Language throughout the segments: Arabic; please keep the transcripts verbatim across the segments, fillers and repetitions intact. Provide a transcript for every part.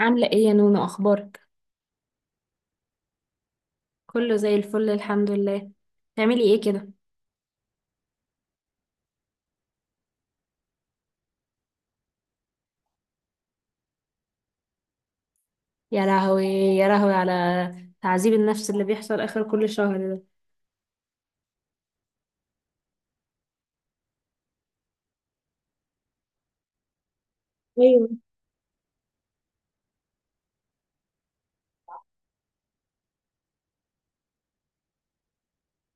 عاملة ايه يا نونو؟ اخبارك؟ كله زي الفل الحمد لله. تعملي ايه كده؟ يا لهوي يا لهوي على تعذيب النفس اللي بيحصل اخر كل شهر ده! ايوه،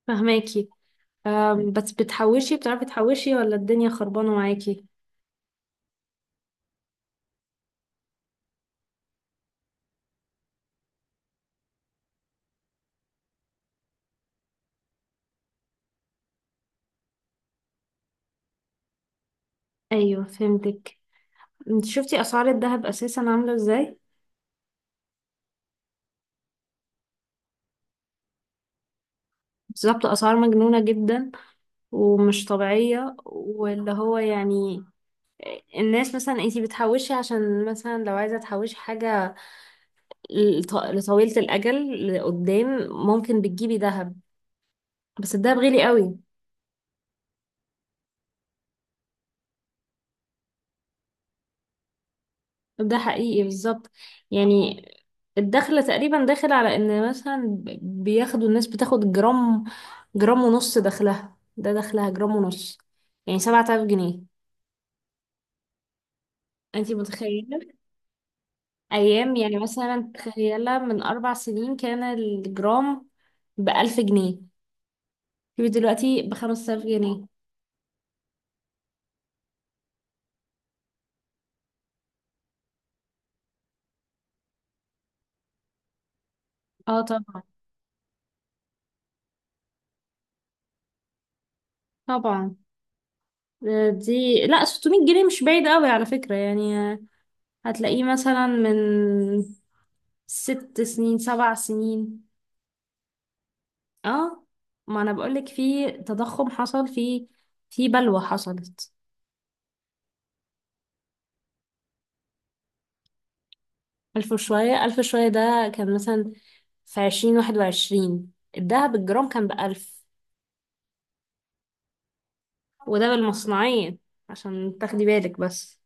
فهماكي. أم بس بتحوشي؟ بتعرفي تحوشي ولا الدنيا خربانة معاكي؟ ايوه، فهمتك. انت شفتي اسعار الذهب اساسا عاملة ازاي؟ بالظبط. اسعار مجنونة جدا ومش طبيعية، واللي هو يعني الناس مثلا انتي بتحوشي عشان مثلا لو عايزة تحوشي حاجة لط- لطويلة الأجل لقدام، ممكن بتجيبي ذهب. بس الذهب غالي قوي. ده حقيقي بالظبط. يعني الدخل تقريبا داخل على ان مثلا ب- بياخدوا الناس بتاخد جرام، جرام ونص. دخلها ده دخلها جرام ونص، يعني سبعة آلاف جنيه. انتي متخيلة؟ أيام يعني مثلا تخيلة، من أربع سنين كان الجرام بألف جنيه، دلوقتي بخمس آلاف جنيه. اه، طبعا طبعا. آه، دي لا، ستمية جنيه مش بعيد قوي على فكرة يعني. آه، هتلاقيه مثلا من ست سنين، سبع سنين. اه، ما انا بقولك في تضخم حصل، في في بلوى حصلت. ألف وشوية، ألف وشوية ده كان مثلا في عشرين واحد وعشرين، الدهب الجرام كان بألف. وده بالمصنعية، عشان تاخدي بالك بس.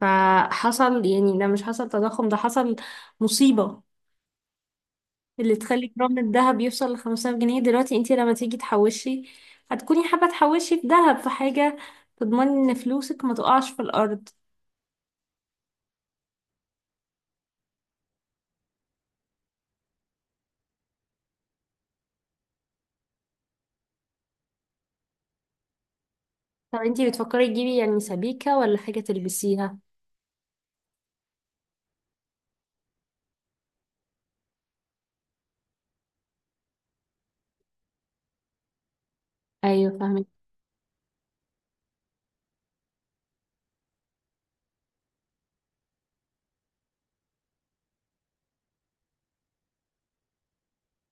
فحصل، يعني ده مش حصل تضخم، ده حصل مصيبة اللي تخلي جرام الذهب يوصل لخمسة آلاف جنيه دلوقتي. انتي لما تيجي تحوشي، هتكوني حابة تحوشي في ذهب، في حاجة تضمني ان فلوسك ما تقعش في الأرض. طب انتي بتفكري تجيبي يعني سبيكة ولا حاجة تلبسيها؟ ايوه فاهمك.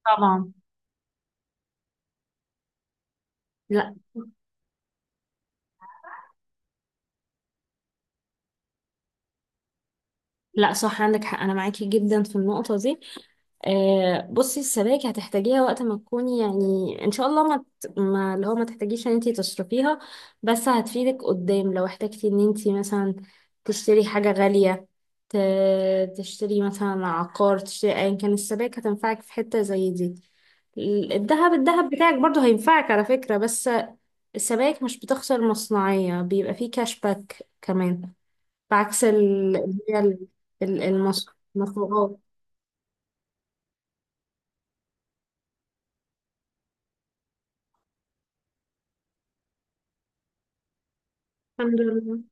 طبعا. لا، لا صح، عندك حق انا معاكي جدا في النقطة دي. آه، بصي، السبايك هتحتاجيها وقت ما تكوني يعني ان شاء الله ما, ت... ما اللي هو ما تحتاجيش ان انتي تصرفيها. بس هتفيدك قدام لو احتاجتي ان انتي مثلا تشتري حاجة غالية، ت... تشتري مثلا عقار، تشتري ايا كان. السبائك هتنفعك في حتة زي دي. ال- الذهب الذهب بتاعك برضو هينفعك على فكرة، بس السبائك مش بتخسر مصنعية، بيبقى فيه كاش باك كمان، بعكس ال... اللي هي ال- ال- المص- المصبغات. الحمد لله.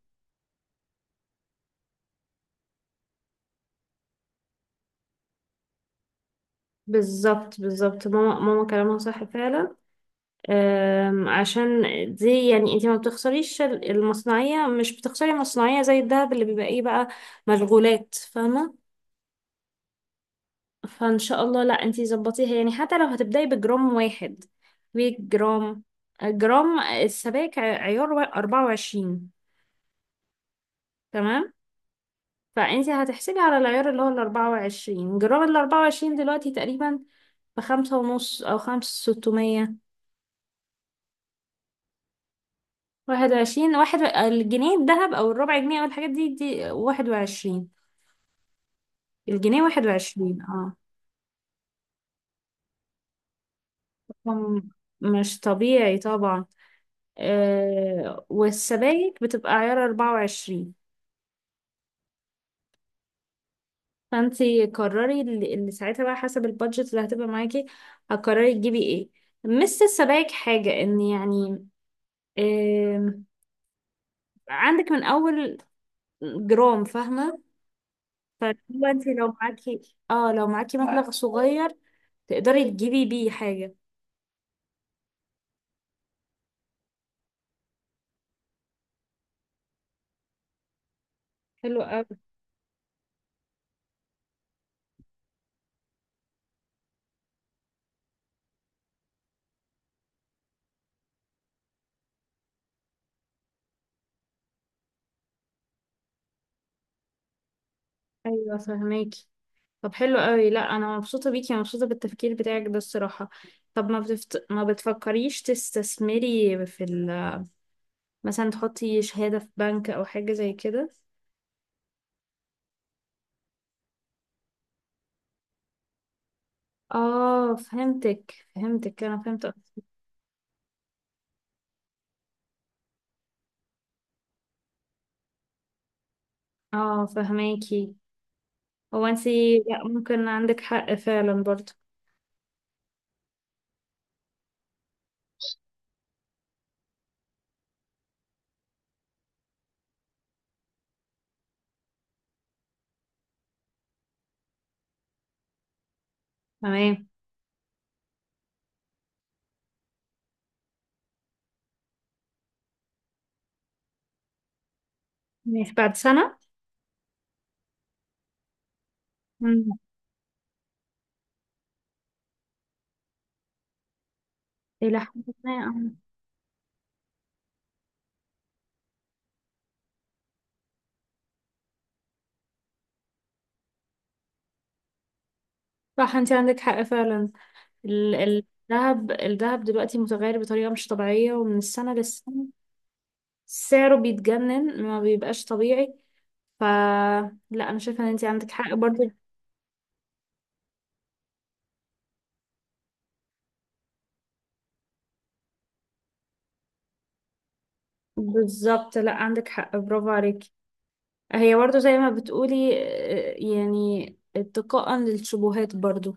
بالظبط، بالظبط، ماما ماما كلامها صح فعلا. أم، عشان دي يعني انت ما بتخسريش ال- المصنعية، مش بتخسري مصنعية زي الدهب اللي بيبقى ايه بقى، مشغولات، فاهمة؟ فان شاء الله، لا انت ظبطيها يعني، حتى لو هتبدأي بجرام واحد، بجرام. جرام السبائك ع- عيار وا- اربعة وعشرين. تمام؟ فانت هتحسبي على العيار اللي هو ال اربعة وعشرين. جرام ال اربعة وعشرين دلوقتي تقريبا بخمسة ونص او خمسة ستمية، واحد وعشرين، واحد و- الجنيه الذهب او الربع جنيه او الحاجات دي دي واحد وعشرين. الجنيه واحد وعشرين، اه. رقم مش طبيعي طبعا. آه والسبائك بتبقى عيار اربعة وعشرين. فانتي قرري اللي اللي ساعتها بقى، حسب البادجت اللي هتبقى معاكي، هتقرري تجيبي ايه. مس السبائك حاجة، ان يعني آه عندك من اول جرام، فاهمة؟ فانتي لو معاكي اه لو معاكي مبلغ صغير، تقدري تجيبي بيه حاجة. حلو قوي. ايوه فهماكي. طب حلو قوي. لا انا مبسوطه بيكي، مبسوطه بالتفكير بتاعك ده الصراحه. طب ما بتفت... ما بتفكريش تستثمري في ال... مثلا تحطي شهاده في بنك او حاجه زي كده؟ اه، فهمتك فهمتك، انا فهمت أكتر. اه فهماكي. هو انتي، لا، ممكن عندك حق فعلا برضه. تمام، ماشي بعد سنه. مم. الى حد ما، آه. صح انتي عندك حق فعلا. ال- ال- الذهب الذهب دلوقتي متغير بطريقة مش طبيعية، ومن السنة للسنة سعره بيتجنن، ما بيبقاش طبيعي. ف لا انا شايفه ان انت عندك حق برضو. بالظبط، لا عندك حق، برافو عليكي. هي برضو زي ما بتقولي، آه، يعني اتقاء للشبهات برضو.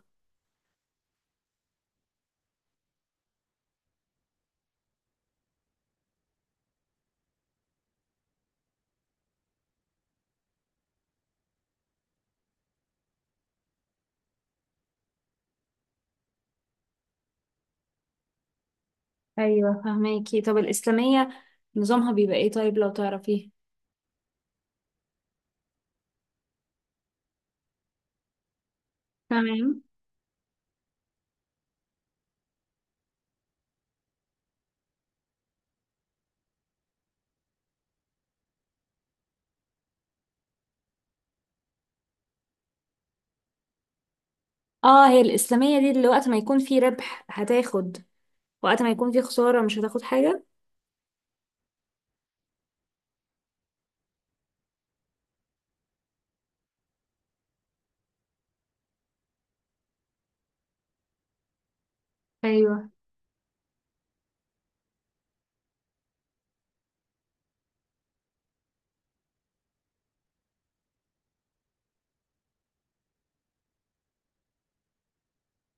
ايوه فهماكي. طب الاسلاميه نظامها بيبقى ايه طيب، لو تعرفيه؟ تمام. اه، هي الاسلاميه دي اللي وقت ما يكون في ربح هتاخد، وقت ما يكون في خساره مش هتاخد حاجه؟ ايوه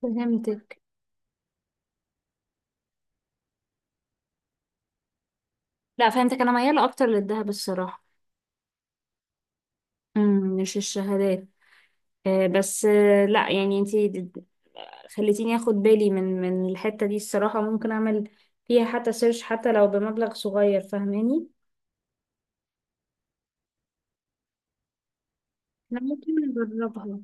فهمتك. لا فهمتك، انا مياله اكتر للذهب الصراحه. امم مش الشهادات. آه بس آه لا يعني انتي، د- د- خليتيني اخد بالي من من الحته دي الصراحه، ممكن اعمل فيها حتى سيرش، حتى لو بمبلغ صغير، فاهماني؟ احنا ممكن نجربها.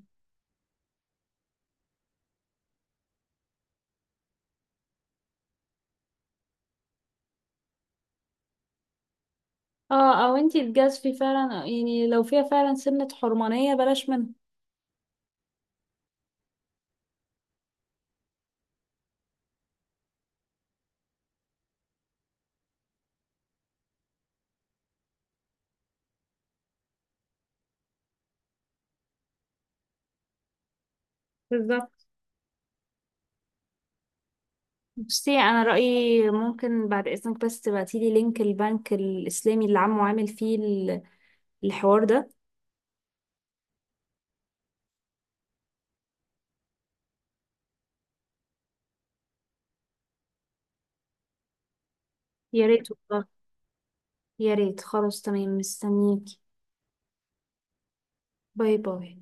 اه، او انتي تجازفي فعلا يعني، لو فيها فعلا سنه حرمانيه، بلاش منها. بالظبط. بصي انا رايي، ممكن بعد اذنك بس تبعتيلي لينك البنك الاسلامي اللي عمو عامل فيه ال- الحوار ده. يا ريت، يا ريت. خلاص تمام، مستنيك. باي باي.